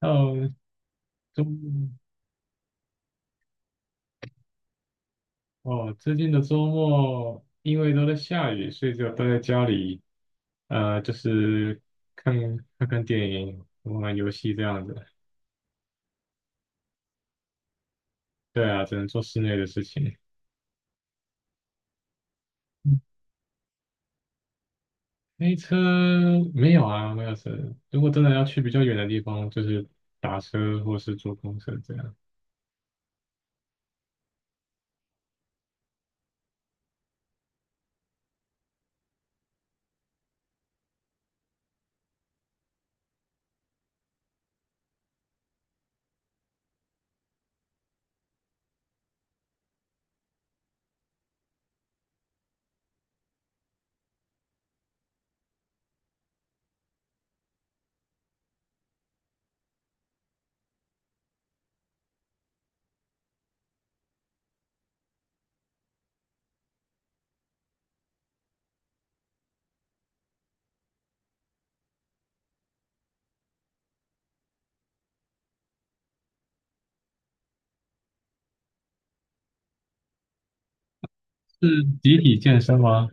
哦，周末哦，最近的周末因为都在下雨，所以就待在家里，就是看看看电影、玩玩游戏这样子。对啊，只能做室内的事情。嗯，开车，没有啊，没有车。如果真的要去比较远的地方，就是打车或是坐公车这样。是集体健身吗？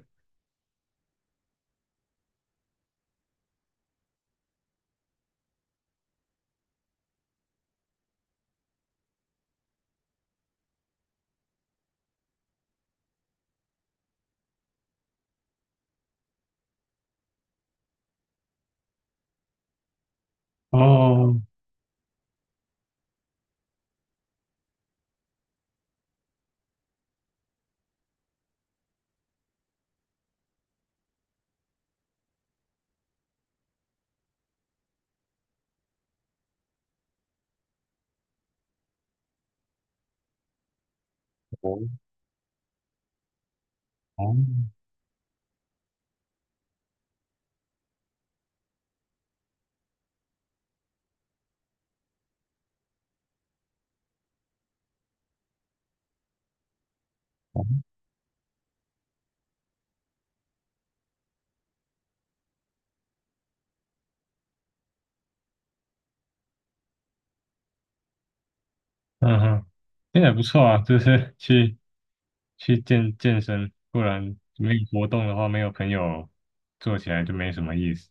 哦，哦，哦，嗯哼，那也不错啊，就是去健身，不然没有活动的话，没有朋友做起来就没什么意思。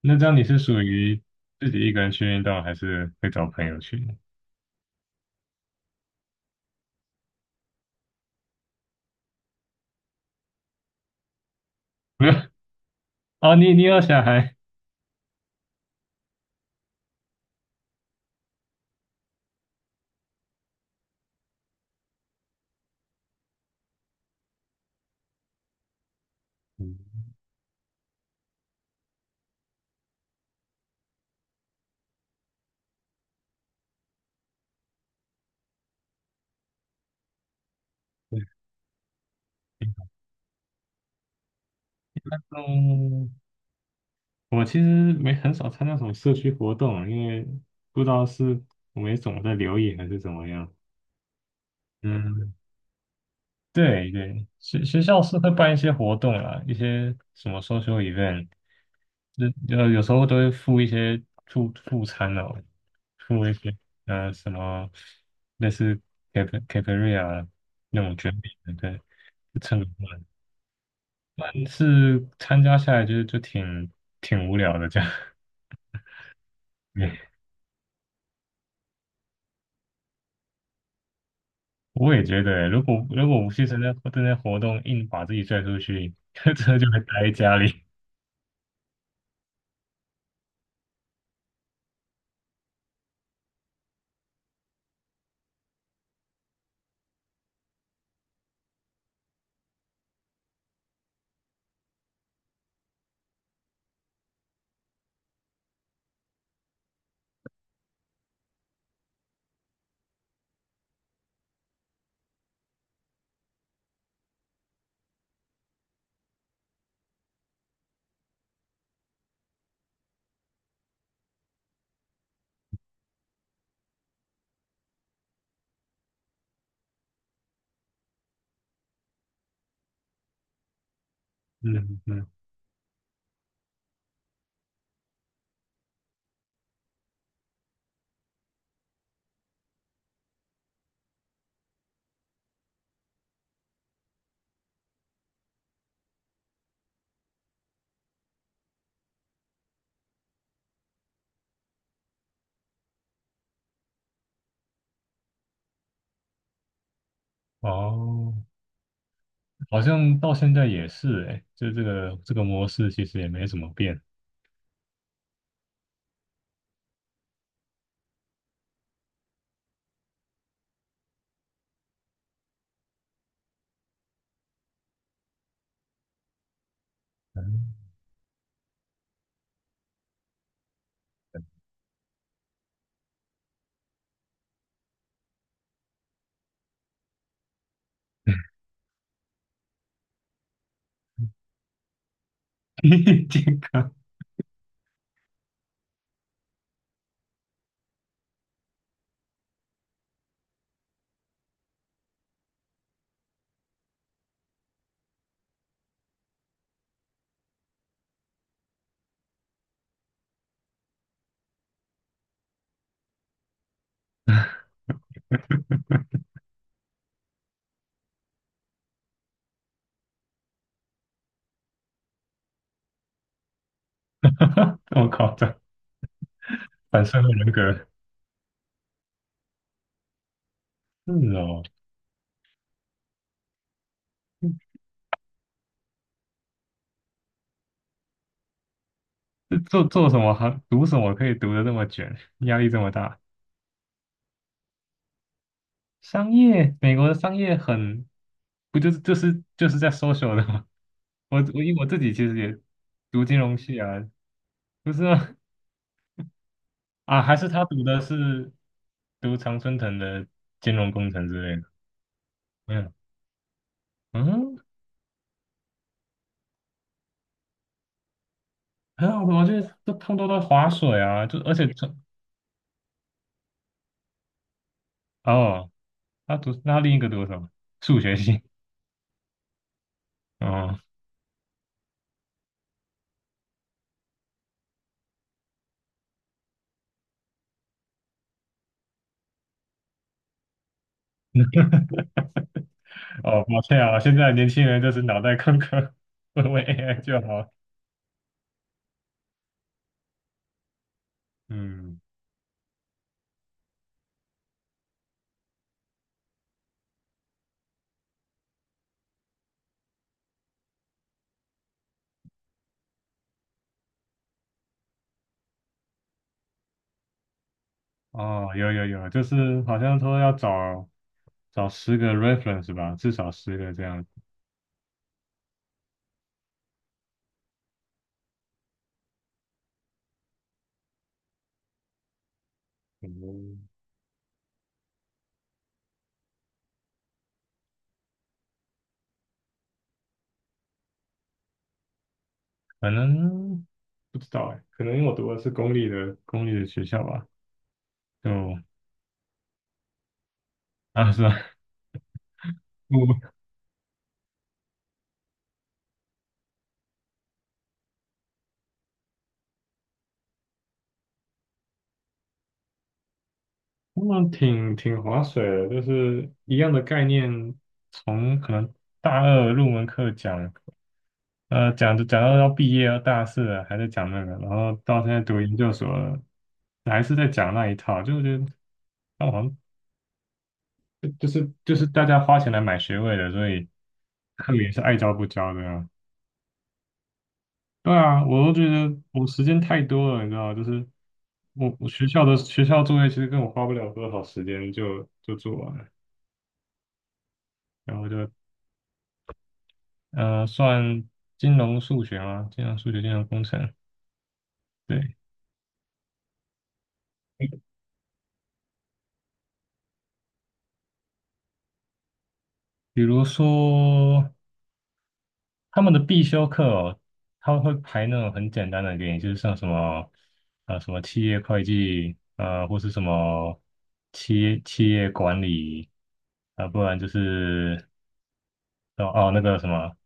那这样你是属于自己一个人去运动，还是会找朋友去呢？没有。哦，你有小孩？嗯，对。嗯，我其实没很少参加什么社区活动，因为不知道是我没总在留意还是怎么样。嗯，对对，学校是会办一些活动啦，一些什么 SOCI event，那有时候都会付一些助餐哦，付一些什么类似 Capria 那种卷饼的，对，就蹭个饭。但是参加下来就挺无聊的这样。对，我也觉得欸，如果不去参加活动，硬把自己拽出去，真的就会待在家里。嗯嗯，哦，好像到现在也是哎，就这个模式其实也没怎么变。嗯。健康。这么夸张。反社会人格是哦，这做什么行，读什么可以读的这么卷，压力这么大？商业，美国的商业很，不就是在 social 的吗？我因为我自己其实也读金融系啊。不是啊，啊还是他读的是读常春藤的金融工程之类的，没有，嗯，还有我觉得这通通都在划水啊，就而且这哦，那他另一个读什么？数学系。哦哦，抱歉啊，现在年轻人就是脑袋空空，问问 AI 就好。嗯，哦，有有有，就是好像说要找找10个 reference 吧，至少十个这样。嗯，可能不知道哎，可能因为我读的是公立的学校吧，就啊是吧？我他们挺划水的，就是一样的概念，从可能大二入门课讲。讲着讲到要毕业要大四了，还在讲那个，然后到现在读研究所了，还是在讲那一套，就觉得那好像就是大家花钱来买学位的，所以他们也是爱教不教的啊。对啊，我都觉得我时间太多了，你知道吗就是我学校作业其实跟我花不了多少时间就做完了，然后就算金融数学嘛，金融数学、金融工程，对，比如说。他们的必修课哦，他们会排那种很简单的给你，就是像什么企业会计，或是什么企业管理，啊、不然就是哦哦那个什么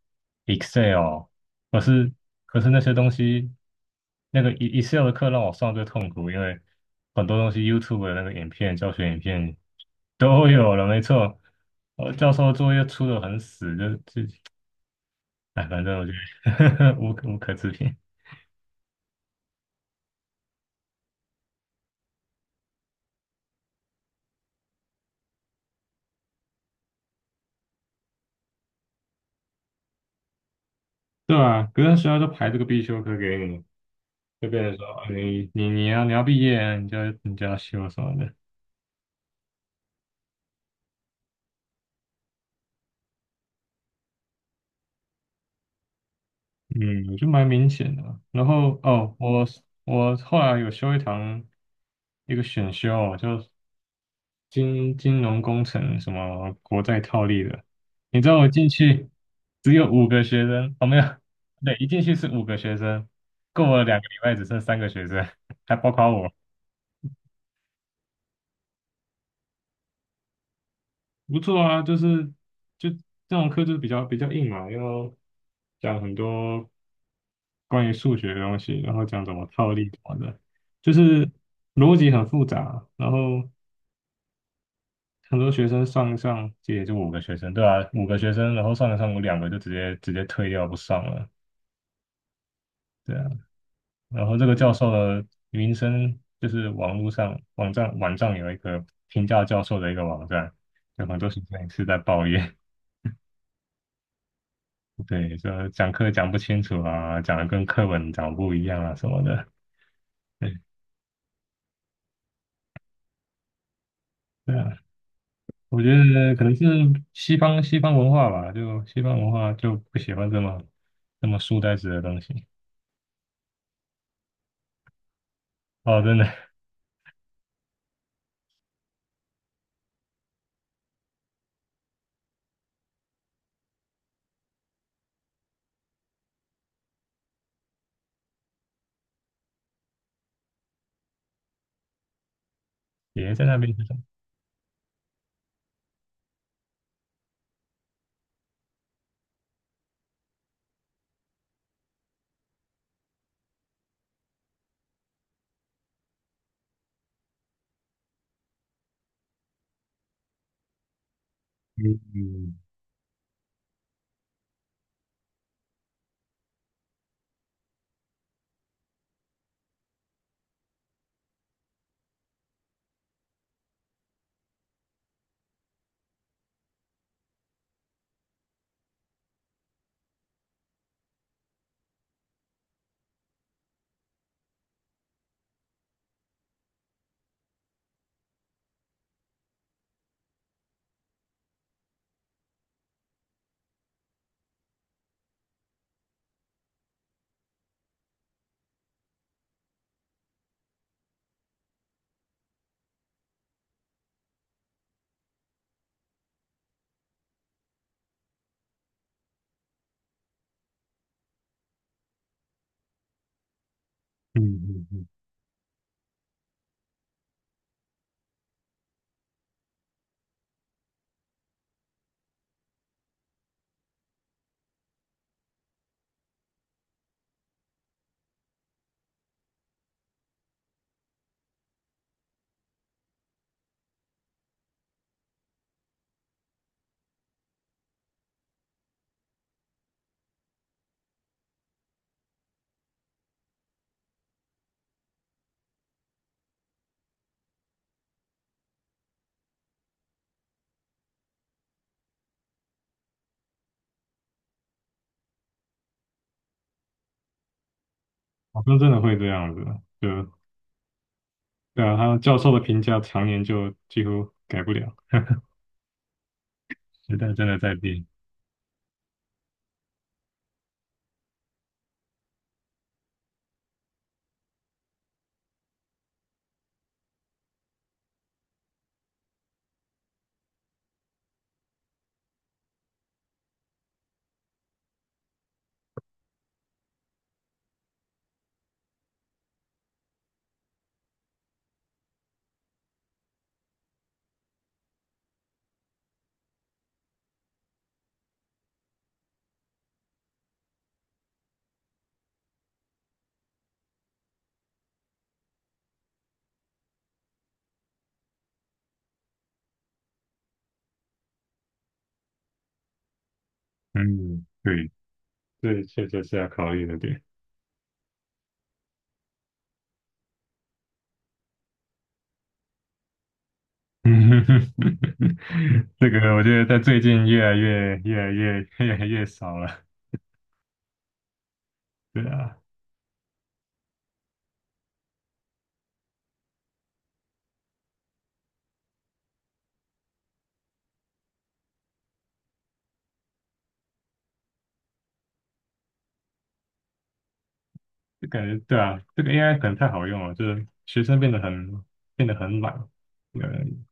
Excel，可是可是那些东西，那个 Excel 的课让我上最痛苦，因为很多东西 YouTube 的那个教学影片都有了，没错。教授作业出的很死，就自己。哎，反正我觉得 无可置评。对啊，可是学校就排这个必修课给你，就变成说啊你要毕业啊你就要修什么的。嗯，我觉得蛮明显的啊然后哦，我后来有修一堂一个选修就金融工程什么国债套利的。你知道我进去只有五个学生，哦没有，对，一进去是五个学生，过了2个礼拜只剩3个学生，还包括我。不错啊，就是就这种课就是比较硬嘛，要讲很多关于数学的东西，然后讲怎么套利什么的，就是逻辑很复杂。然后很多学生上一上，这也就五个学生，对啊，五个学生，然后上一上有两个就直接退掉不上了，对啊。然后这个教授的名声就是网络上网站有一个评价教授的一个网站，有很多学生也是在抱怨。对，说讲课讲不清楚啊，讲的跟课本讲不一样啊什么的。对，对啊，我觉得可能是西方文化吧，就西方文化就不喜欢这么书呆子的东西。哦，真的，爷爷在那边是什么，嗯嗯嗯嗯嗯，好像真的会这样子，就对啊，他教授的评价常年就几乎改不了，时代真的在变。嗯，对，这确实是要考虑的点。嗯，这个我觉得在最近越来越、越来越、越来越少了。对啊，就感觉对啊，这个 AI 可能太好用了，就是学生变得很懒。对，嗯，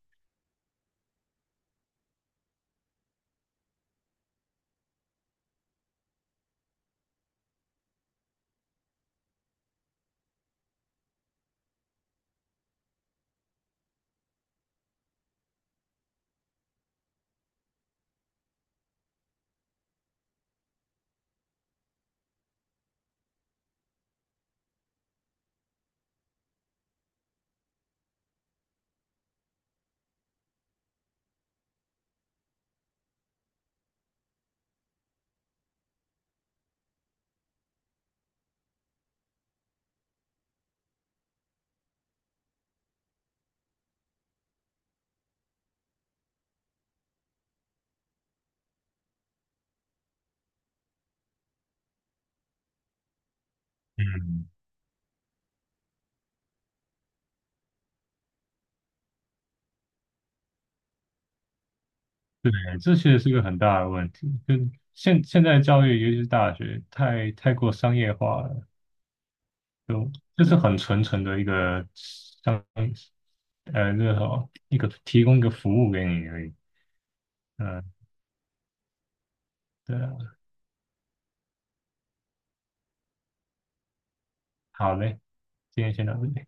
对这确实是个很大的问题。就现在教育，尤其是大学，太过商业化了，就是很纯纯的一个商，那个什么一个提供一个服务给你而已。嗯，对啊，好嘞，今天先到这里。